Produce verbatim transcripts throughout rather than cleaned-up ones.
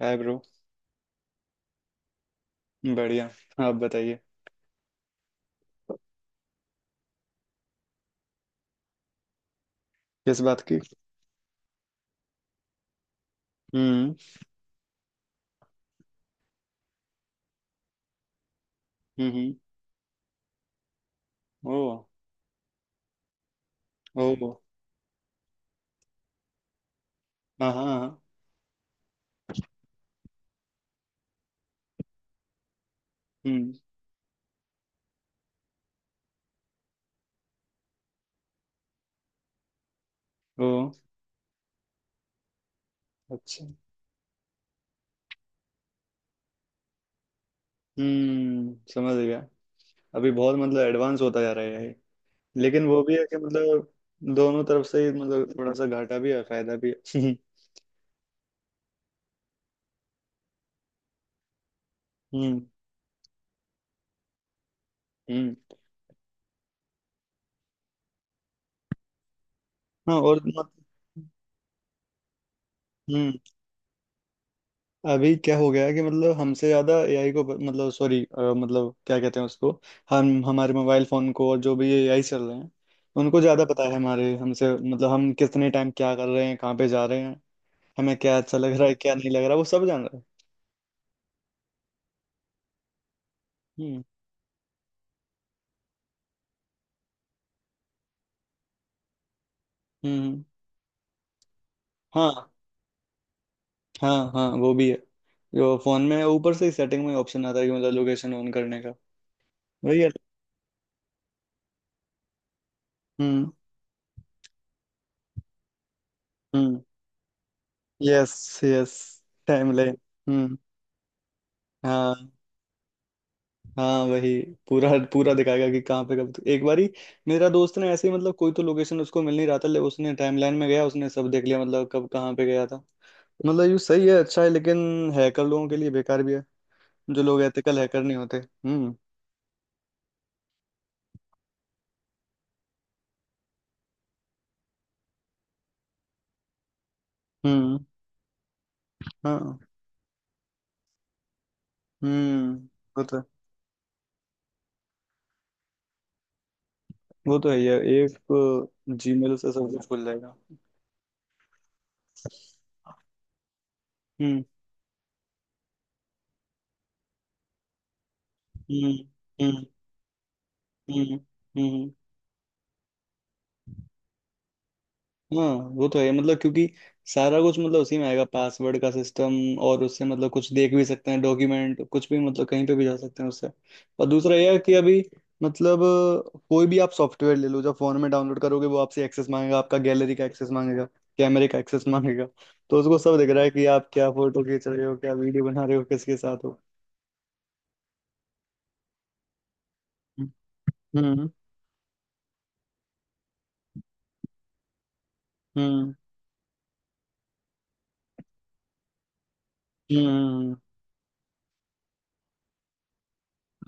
हाय bro. बढ़िया। आप बताइए। किस बात की? हम्म। हम्म। ओ। ओ। हाँ हाँ हाँ। हम्म। ओ। अच्छा। हम्म समझ गया। अभी बहुत मतलब एडवांस होता जा रहा है ये। लेकिन वो भी है कि मतलब दोनों तरफ से ही मतलब थोड़ा सा घाटा भी है फायदा भी है। हम्म हम्म। हाँ और मत- हम्म। अभी क्या हो गया है कि मतलब हमसे ज्यादा एआई को ब- मतलब सॉरी। मतलब क्या कहते हैं उसको। हम हमारे मोबाइल फोन को और जो भी एआई चल रहे हैं उनको ज्यादा पता है हमारे हमसे मतलब हम कितने टाइम क्या कर रहे हैं कहाँ पे जा रहे हैं। हमें क्या अच्छा लग रहा है क्या नहीं लग रहा वो सब जान रहा है। हम्म हम्म हम्म। हाँ हाँ हाँ वो भी है। जो फोन में है, ऊपर से ही सेटिंग में ऑप्शन आता है कि मतलब लोकेशन ऑन करने का। वही है। हम्म हम्म। यस। यस। Timeline. हम्म। हाँ। हाँ वही। पूरा पूरा दिखाएगा कि कहाँ पे कब एक बारी। मेरा दोस्त ने ऐसे ही मतलब कोई तो लोकेशन उसको मिल नहीं रहा था ले उसने टाइमलाइन में गया उसने सब देख लिया मतलब कब कहाँ पे गया था। मतलब ये सही है अच्छा है लेकिन हैकर लोगों के लिए बेकार भी है। जो लोग एथिकल हैकर नहीं होते। हम्म। हम्म। हाँ। हम्म वो तो वो तो है ही है। एक जीमेल से सब कुछ खुल जाएगा। हम्म हम्म हम्म हम्म हम्म हम्म। हाँ। वो तो है मतलब क्योंकि सारा कुछ मतलब उसी में आएगा पासवर्ड का सिस्टम। और उससे मतलब कुछ देख भी सकते हैं डॉक्यूमेंट कुछ भी मतलब कहीं पे भी जा सकते हैं उससे। और दूसरा यह है कि अभी मतलब अ, कोई भी आप सॉफ्टवेयर ले लो जब फोन में डाउनलोड करोगे वो आपसे एक्सेस मांगेगा आपका गैलरी का एक्सेस मांगेगा। कैमरे का एक्सेस मांगेगा। तो उसको सब दिख रहा है कि आप क्या फोटो खींच रहे हो क्या वीडियो बना रहे हो किसके साथ हो। हम्म हम्म हम्म हम्म,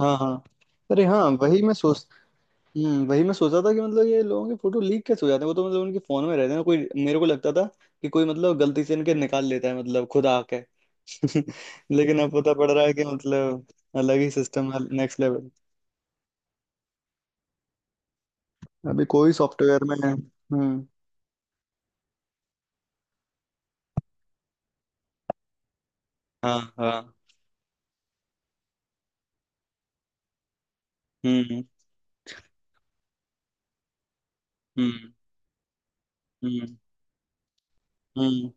हाँ हाँ। अरे हाँ वही मैं सोच। हम्म वही मैं सोचा था कि मतलब ये लोगों के फोटो लीक कैसे हो जाते हैं वो तो मतलब उनके फोन में रहते हैं कोई मेरे को लगता था कि कोई मतलब गलती से इनके निकाल लेता है मतलब खुद आके। लेकिन अब पता पड़ रहा है कि मतलब अलग ही सिस्टम है नेक्स्ट लेवल। अभी कोई सॉफ्टवेयर में है। हम्म। हाँ हाँ। हम्म हम्म हम्म हम्म।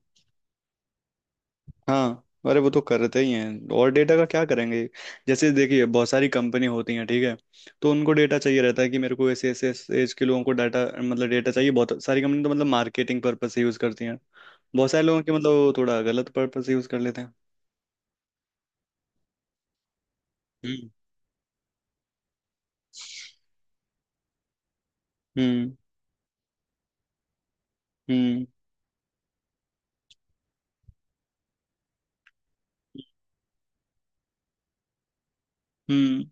हाँ। अरे वो तो करते ही हैं और डेटा का क्या करेंगे। जैसे देखिए बहुत सारी कंपनी होती हैं ठीक है। तो उनको डेटा चाहिए रहता है कि मेरे को ऐसे ऐसे एज के लोगों को डाटा मतलब डेटा चाहिए। बहुत सारी कंपनी तो मतलब मार्केटिंग पर्पज से यूज करती हैं। बहुत सारे लोगों के मतलब वो थोड़ा गलत पर्पज से यूज कर लेते हैं। हम्म हम्म हम्म हम्म।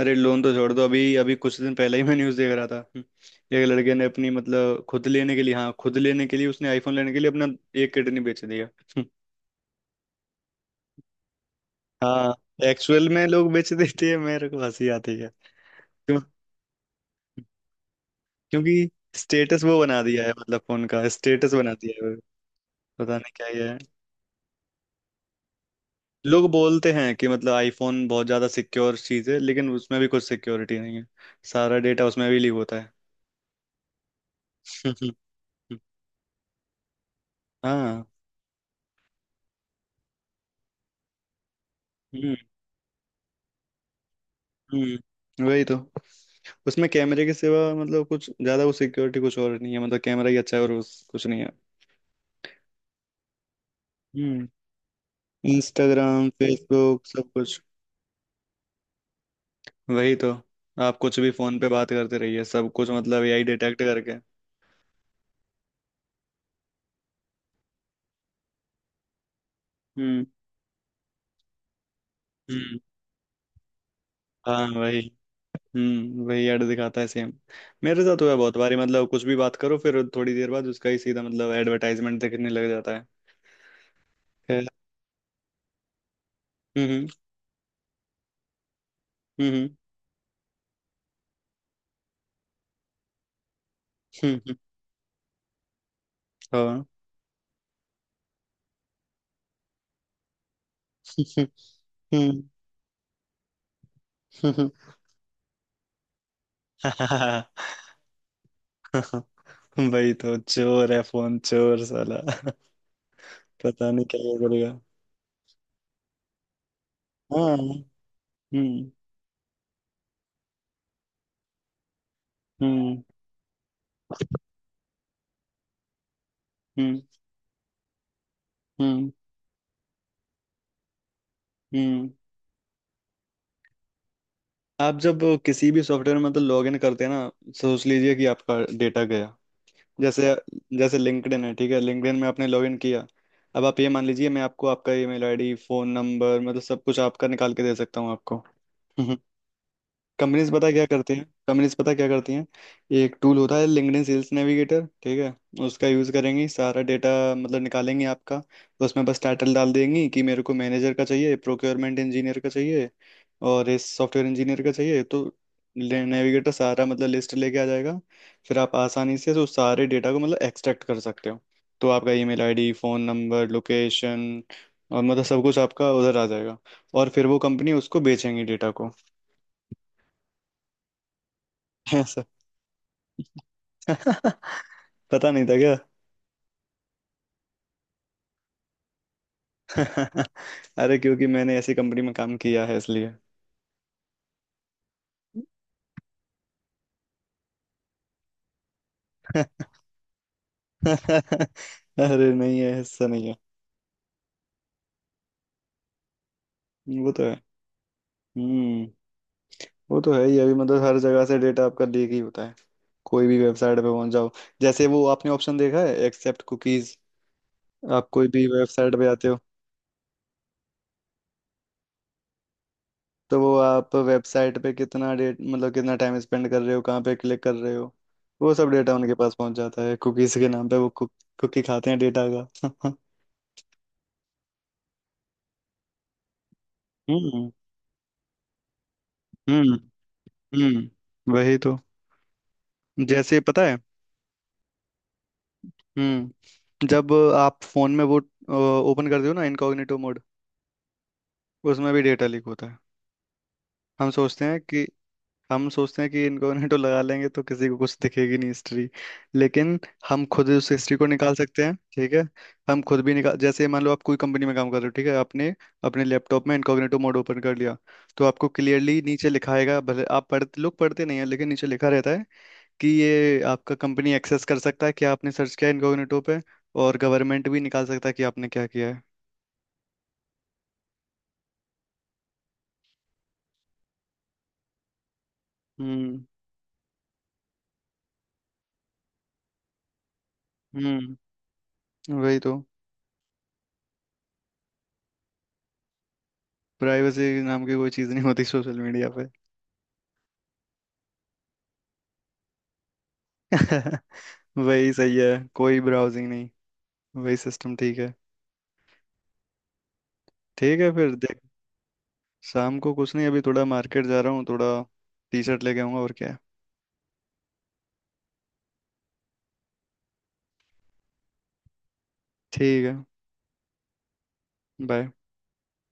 अरे लोन तो छोड़ दो अभी अभी कुछ दिन पहले ही मैं न्यूज़ देख रहा था। हम्म, एक लड़के ने अपनी मतलब खुद लेने के लिए हाँ खुद लेने के लिए उसने आईफोन लेने के लिए अपना एक किडनी बेच दिया। हाँ एक्चुअल में लोग बेच देते हैं मेरे को हंसी आती है। क्यों? क्योंकि स्टेटस वो बना दिया है मतलब फोन का स्टेटस बना दिया है। पता नहीं क्या ये है। लोग बोलते हैं कि मतलब आईफोन बहुत ज्यादा सिक्योर चीज है लेकिन उसमें भी कुछ सिक्योरिटी नहीं है। सारा डेटा उसमें भी लीक होता है। हाँ। हम्म। हम्म वही तो। उसमें कैमरे के सिवा मतलब कुछ ज्यादा वो सिक्योरिटी कुछ और नहीं है मतलब कैमरा ही अच्छा है और उस कुछ नहीं है। हम्म। इंस्टाग्राम फेसबुक सब कुछ। वही तो। आप कुछ भी फोन पे बात करते रहिए सब कुछ मतलब एआई डिटेक्ट करके। हम्म हम्म। हाँ वही। हम्म वही ऐड दिखाता है सेम। मेरे साथ हुआ बहुत बारी मतलब कुछ भी बात करो फिर थोड़ी देर बाद उसका ही सीधा मतलब एडवर्टाइजमेंट दिखने लग जाता है। खैर, हम्म हम्म। हम्म हम्म हम्म, हाँ। हम्म, हाँ। वही तो चोर है फोन चोर साला। पता नहीं क्या करेगा। हाँ। हम्म हम्म हम्म हम्म हम्म। आप जब किसी भी सॉफ्टवेयर में मतलब लॉगिन करते हैं ना सोच लीजिए कि आपका डेटा गया। जैसे जैसे लिंक्डइन है ठीक है लिंक्डइन में आपने लॉगिन किया। अब आप ये मान लीजिए मैं आपको आपका ईमेल आईडी फोन नंबर मतलब सब कुछ आपका निकाल के दे सकता हूँ आपको। कंपनीज पता है क्या करती हैं कंपनीज पता है क्या करती हैं। एक टूल होता है लिंक्डइन सेल्स नेविगेटर ठीक है। उसका यूज़ करेंगी सारा डेटा मतलब निकालेंगे आपका। उसमें बस टाइटल डाल देंगी कि मेरे को मैनेजर का चाहिए प्रोक्योरमेंट इंजीनियर का चाहिए और इस सॉफ्टवेयर इंजीनियर का चाहिए तो नेविगेटर सारा मतलब लिस्ट लेके आ जाएगा। फिर आप आसानी से उस सारे डेटा को मतलब एक्सट्रैक्ट कर सकते हो। तो आपका email ID phone number location और मतलब सब कुछ आपका उधर आ जाएगा। और फिर वो कंपनी उसको बेचेंगी डेटा को। पता नहीं था क्या। अरे क्योंकि मैंने ऐसी कंपनी में काम किया है इसलिए। अरे नहीं है ऐसा नहीं है। वो तो है। हम्म। वो तो है ही अभी मतलब हर जगह से डेटा आपका लीक ही होता है। कोई भी वेबसाइट पे पहुंच जाओ। जैसे वो आपने ऑप्शन देखा है एक्सेप्ट कुकीज। आप कोई भी वेबसाइट पे आते हो तो वो आप वेबसाइट पे कितना डेट मतलब कितना टाइम स्पेंड कर रहे हो कहाँ पे क्लिक कर रहे हो वो सब डेटा उनके पास पहुंच जाता है कुकीज के नाम पे वो कुकी खाते हैं डेटा का। हम्म हम्म। हम्म वही तो। जैसे पता है। हम्म जब आप फोन में वो ओपन करते हो ना इनकॉग्निटो मोड उसमें भी डेटा लीक होता है। हम सोचते हैं कि हम सोचते हैं कि इनकॉग्निटो लगा लेंगे तो किसी को कुछ दिखेगी नहीं हिस्ट्री। लेकिन हम खुद उस हिस्ट्री को निकाल सकते हैं ठीक है। हम खुद भी निकाल जैसे मान लो आप कोई कंपनी में काम कर रहे हो ठीक है आपने अपने लैपटॉप में इनकॉग्निटो मोड ओपन कर लिया। तो आपको क्लियरली नीचे लिखाएगा भले आप पढ़ते लोग पढ़ते नहीं है लेकिन नीचे लिखा रहता है कि ये आपका कंपनी एक्सेस कर सकता है क्या आपने सर्च किया इनकॉग्निटो पे। और गवर्नमेंट भी निकाल सकता है कि आपने क्या किया है। हम्म हम्म वही तो। प्राइवेसी नाम की कोई चीज़ नहीं होती सोशल मीडिया पे। वही सही है। कोई ब्राउजिंग नहीं। वही सिस्टम ठीक है। ठीक है फिर देख। शाम को कुछ नहीं अभी थोड़ा मार्केट जा रहा हूँ थोड़ा टी शर्ट लेके आऊंगा और क्या है। ठीक है। बाय।